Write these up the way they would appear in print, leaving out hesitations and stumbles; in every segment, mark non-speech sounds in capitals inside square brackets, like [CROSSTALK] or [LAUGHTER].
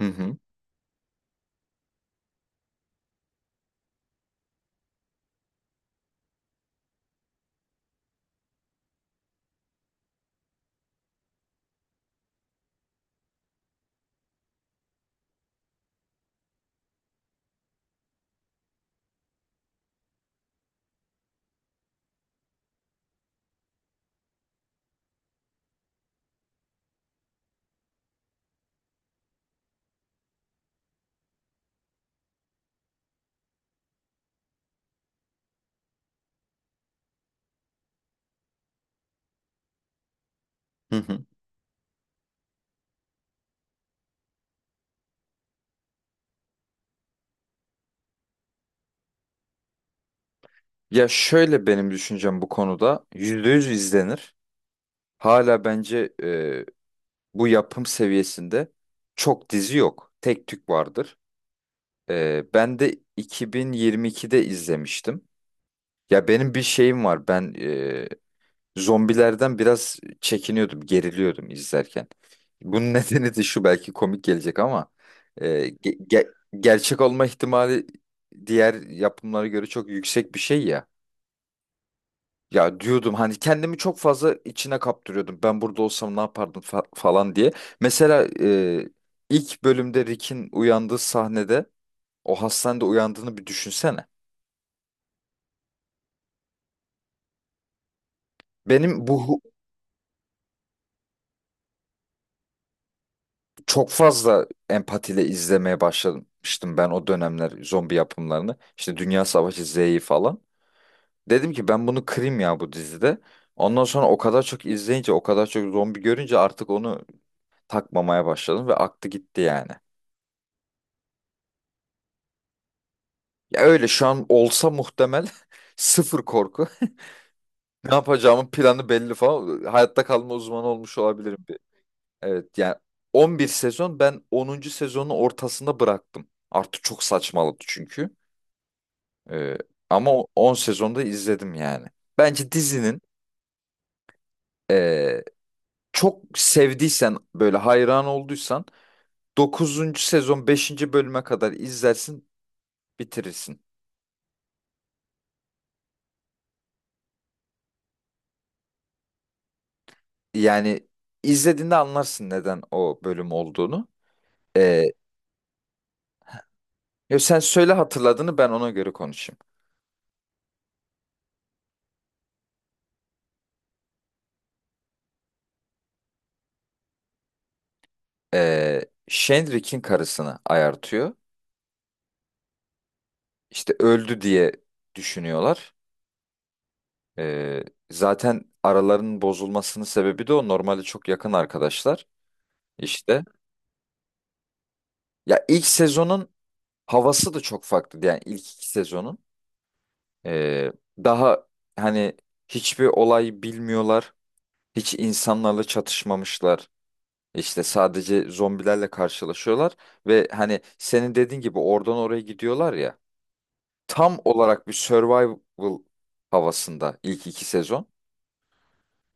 Hı hı, hı hı. Ya şöyle benim düşüncem bu konuda %100 izlenir. Hala bence bu yapım seviyesinde çok dizi yok. Tek tük vardır. Ben de 2022'de izlemiştim. Ya benim bir şeyim var. Ben zombilerden biraz çekiniyordum, geriliyordum izlerken. Bunun [LAUGHS] nedeni de şu, belki komik gelecek ama e, ge- ge- gerçek olma ihtimali diğer yapımlara göre çok yüksek bir şey ya. Ya diyordum, hani kendimi çok fazla içine kaptırıyordum. Ben burada olsam ne yapardım falan diye. Mesela ilk bölümde Rick'in uyandığı sahnede o hastanede uyandığını bir düşünsene. Benim bu hu- Çok fazla empatiyle izlemeye başlamıştım ben o dönemler zombi yapımlarını. İşte Dünya Savaşı Z'yi falan. Dedim ki ben bunu kırayım ya bu dizide. Ondan sonra o kadar çok izleyince, o kadar çok zombi görünce artık onu takmamaya başladım ve aktı gitti yani. Ya öyle, şu an olsa muhtemel [LAUGHS] sıfır korku. [LAUGHS] Ne yapacağımın planı belli falan. Hayatta kalma uzmanı olmuş olabilirim bir. Evet yani 11 sezon, ben onuncu sezonun ortasında bıraktım. Artık çok saçmaladı çünkü. Ee, 10 sezonda izledim yani. Bence dizinin, ee, çok sevdiysen, böyle hayran olduysan, dokuzuncu sezon beşinci bölüme kadar izlersin, bitirirsin. Yani izlediğinde anlarsın neden o bölüm olduğunu. Ee, Yo, sen söyle hatırladığını, ben ona göre konuşayım. Ee, Shenrik'in karısını ayartıyor. İşte öldü diye düşünüyorlar. Ee, Zaten aralarının bozulmasının sebebi de o. Normalde çok yakın arkadaşlar. İşte, ya ilk sezonun havası da çok farklıydı. Yani ilk iki sezonun. Ee, Daha hani hiçbir olay bilmiyorlar. Hiç insanlarla çatışmamışlar. İşte sadece zombilerle karşılaşıyorlar ve hani senin dediğin gibi oradan oraya gidiyorlar ya. Tam olarak bir survival havasında ilk iki sezon.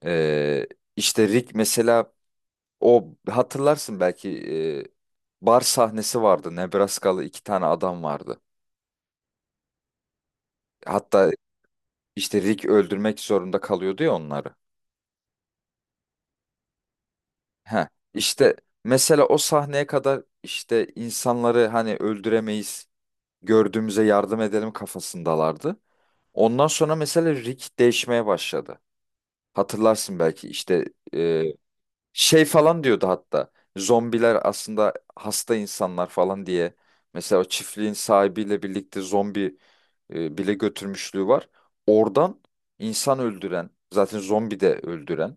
Ee, işte Rick mesela, o hatırlarsın belki, bar sahnesi vardı. Nebraskalı iki tane adam vardı. Hatta işte Rick öldürmek zorunda kalıyordu ya onları. Heh. İşte mesela o sahneye kadar işte insanları hani öldüremeyiz, gördüğümüze yardım edelim kafasındalardı. Ondan sonra mesela Rick değişmeye başladı. Hatırlarsın belki, işte e, şey falan diyordu hatta. Zombiler aslında hasta insanlar falan diye. Mesela o çiftliğin sahibiyle birlikte zombi bile götürmüşlüğü var. Oradan insan öldüren, zaten zombi de öldüren,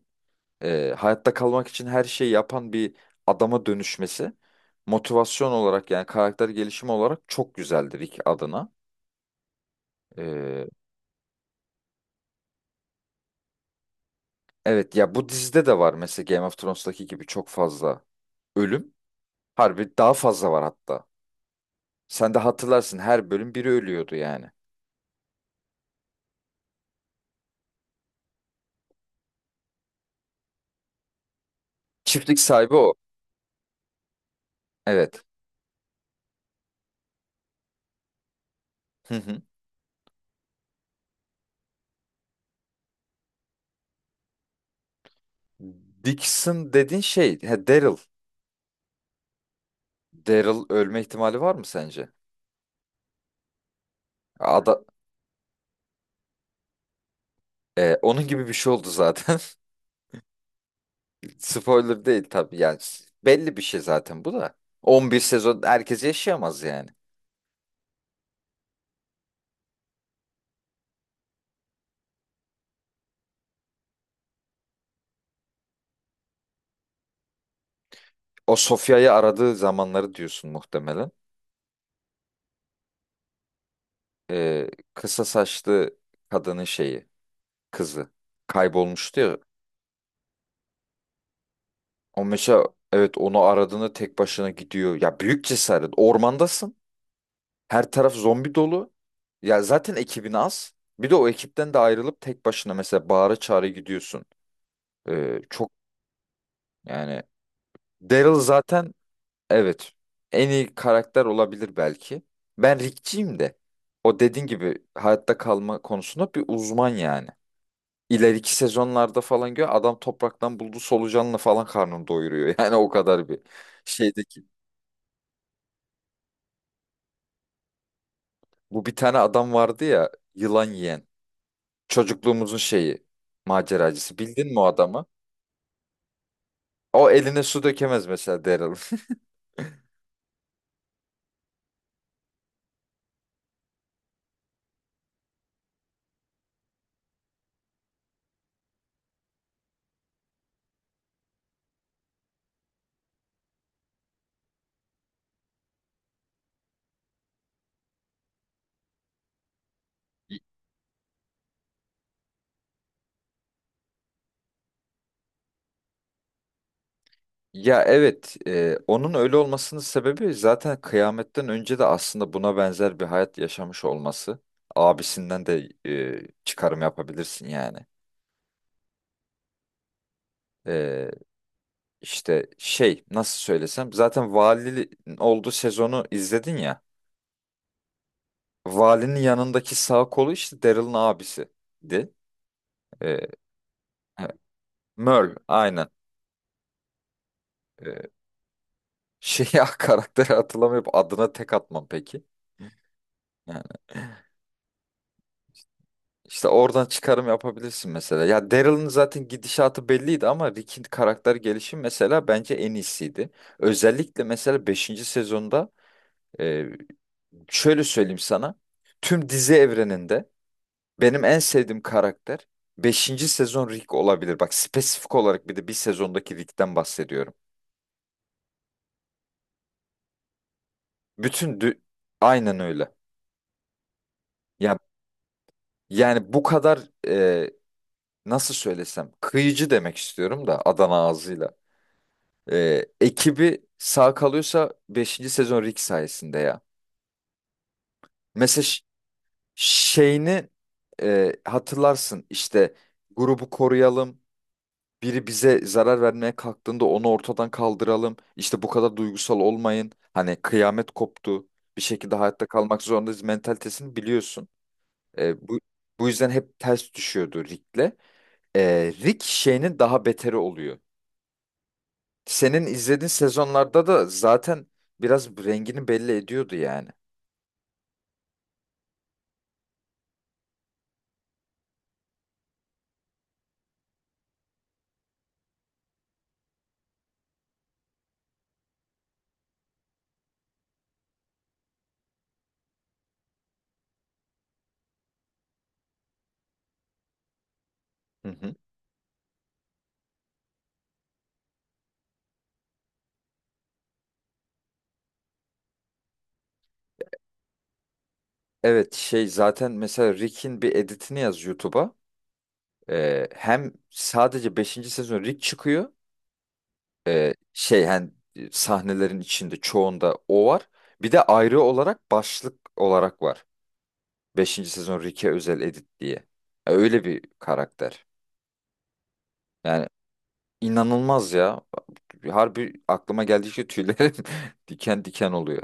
hayatta kalmak için her şeyi yapan bir adama dönüşmesi, motivasyon olarak yani karakter gelişimi olarak çok güzeldi Rick adına. E, Evet ya, bu dizide de var mesela Game of Thrones'taki gibi çok fazla ölüm. Harbi daha fazla var hatta. Sen de hatırlarsın, her bölüm biri ölüyordu yani. Çiftlik sahibi o. Evet. Hı hı. Dixon dediğin şey, he, Daryl. Daryl ölme ihtimali var mı sence? Ada, onun gibi bir şey oldu zaten. [LAUGHS] Spoiler değil tabii yani. Belli bir şey zaten bu da. 11 sezon herkes yaşayamaz yani. O Sofya'yı aradığı zamanları diyorsun muhtemelen. e, Kısa saçlı kadının şeyi, kızı kaybolmuştu ya. O mesela, evet, onu aradığında tek başına gidiyor. Ya büyük cesaret. Ormandasın. Her taraf zombi dolu. Ya zaten ekibin az. Bir de o ekipten de ayrılıp tek başına mesela bağıra çağıra gidiyorsun. Çok yani, Daryl zaten, evet, en iyi karakter olabilir belki. Ben Rick'ciyim de. O dediğin gibi hayatta kalma konusunda bir uzman yani. İleriki sezonlarda falan gör, adam topraktan bulduğu solucanla falan karnını doyuruyor. [LAUGHS] Yani o kadar bir şeydeki. Bu bir tane adam vardı ya yılan yiyen. Çocukluğumuzun şeyi, maceracısı. Bildin mi o adamı? O eline su dökemez mesela Daryl. [LAUGHS] Ya evet, onun öyle olmasının sebebi zaten kıyametten önce de aslında buna benzer bir hayat yaşamış olması. Abisinden de çıkarım yapabilirsin yani. E, İşte şey, nasıl söylesem, zaten valinin olduğu sezonu izledin ya. Valinin yanındaki sağ kolu işte Daryl'ın abisiydi. Ee, he, Merl aynen. Ee, Şey [LAUGHS] karakteri hatırlamayıp adına tek atmam peki. Yani işte oradan çıkarım yapabilirsin mesela. Ya Daryl'ın zaten gidişatı belliydi ama Rick'in karakter gelişimi mesela bence en iyisiydi. Özellikle mesela beşinci sezonda, e, şöyle söyleyeyim sana. Tüm dizi evreninde benim en sevdiğim karakter beşinci sezon Rick olabilir. Bak spesifik olarak bir de bir sezondaki Rick'ten bahsediyorum. Bütün dü- aynen öyle. Ya yani bu kadar, e, nasıl söylesem, kıyıcı demek istiyorum da Adana ağzıyla. Ekibi sağ kalıyorsa beşinci sezon Rick sayesinde ya. Mesela şeyini hatırlarsın, işte grubu koruyalım, biri bize zarar vermeye kalktığında onu ortadan kaldıralım. İşte bu kadar duygusal olmayın. Hani kıyamet koptu. Bir şekilde hayatta kalmak zorundayız mentalitesini biliyorsun. E, bu bu yüzden hep ters düşüyordu Rick'le. Rick şeyinin daha beteri oluyor. Senin izlediğin sezonlarda da zaten biraz rengini belli ediyordu yani. Hı hı. Evet şey, zaten mesela Rick'in bir editini yaz YouTube'a. Hem sadece beşinci sezon Rick çıkıyor. Sahnelerin içinde çoğunda o var. Bir de ayrı olarak başlık olarak var. Beşinci sezon Ricky Özel Edit diye. Ya öyle bir karakter. Yani inanılmaz ya. Harbi aklıma geldikçe tüylerim [LAUGHS] diken diken oluyor.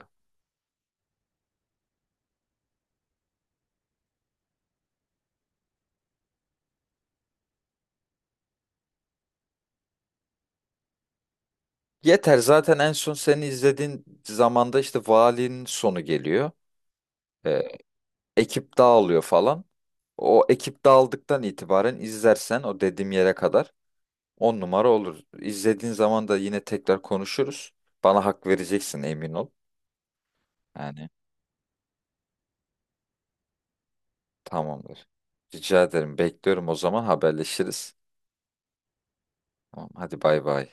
Yeter zaten, en son seni izlediğin zamanda işte valinin sonu geliyor. E, Ekip dağılıyor falan. O ekip dağıldıktan itibaren izlersen, o dediğim yere kadar on numara olur. İzlediğin zaman da yine tekrar konuşuruz. Bana hak vereceksin emin ol. Yani tamamdır. Rica ederim. Bekliyorum, o zaman haberleşiriz. Tamam, hadi bay bay.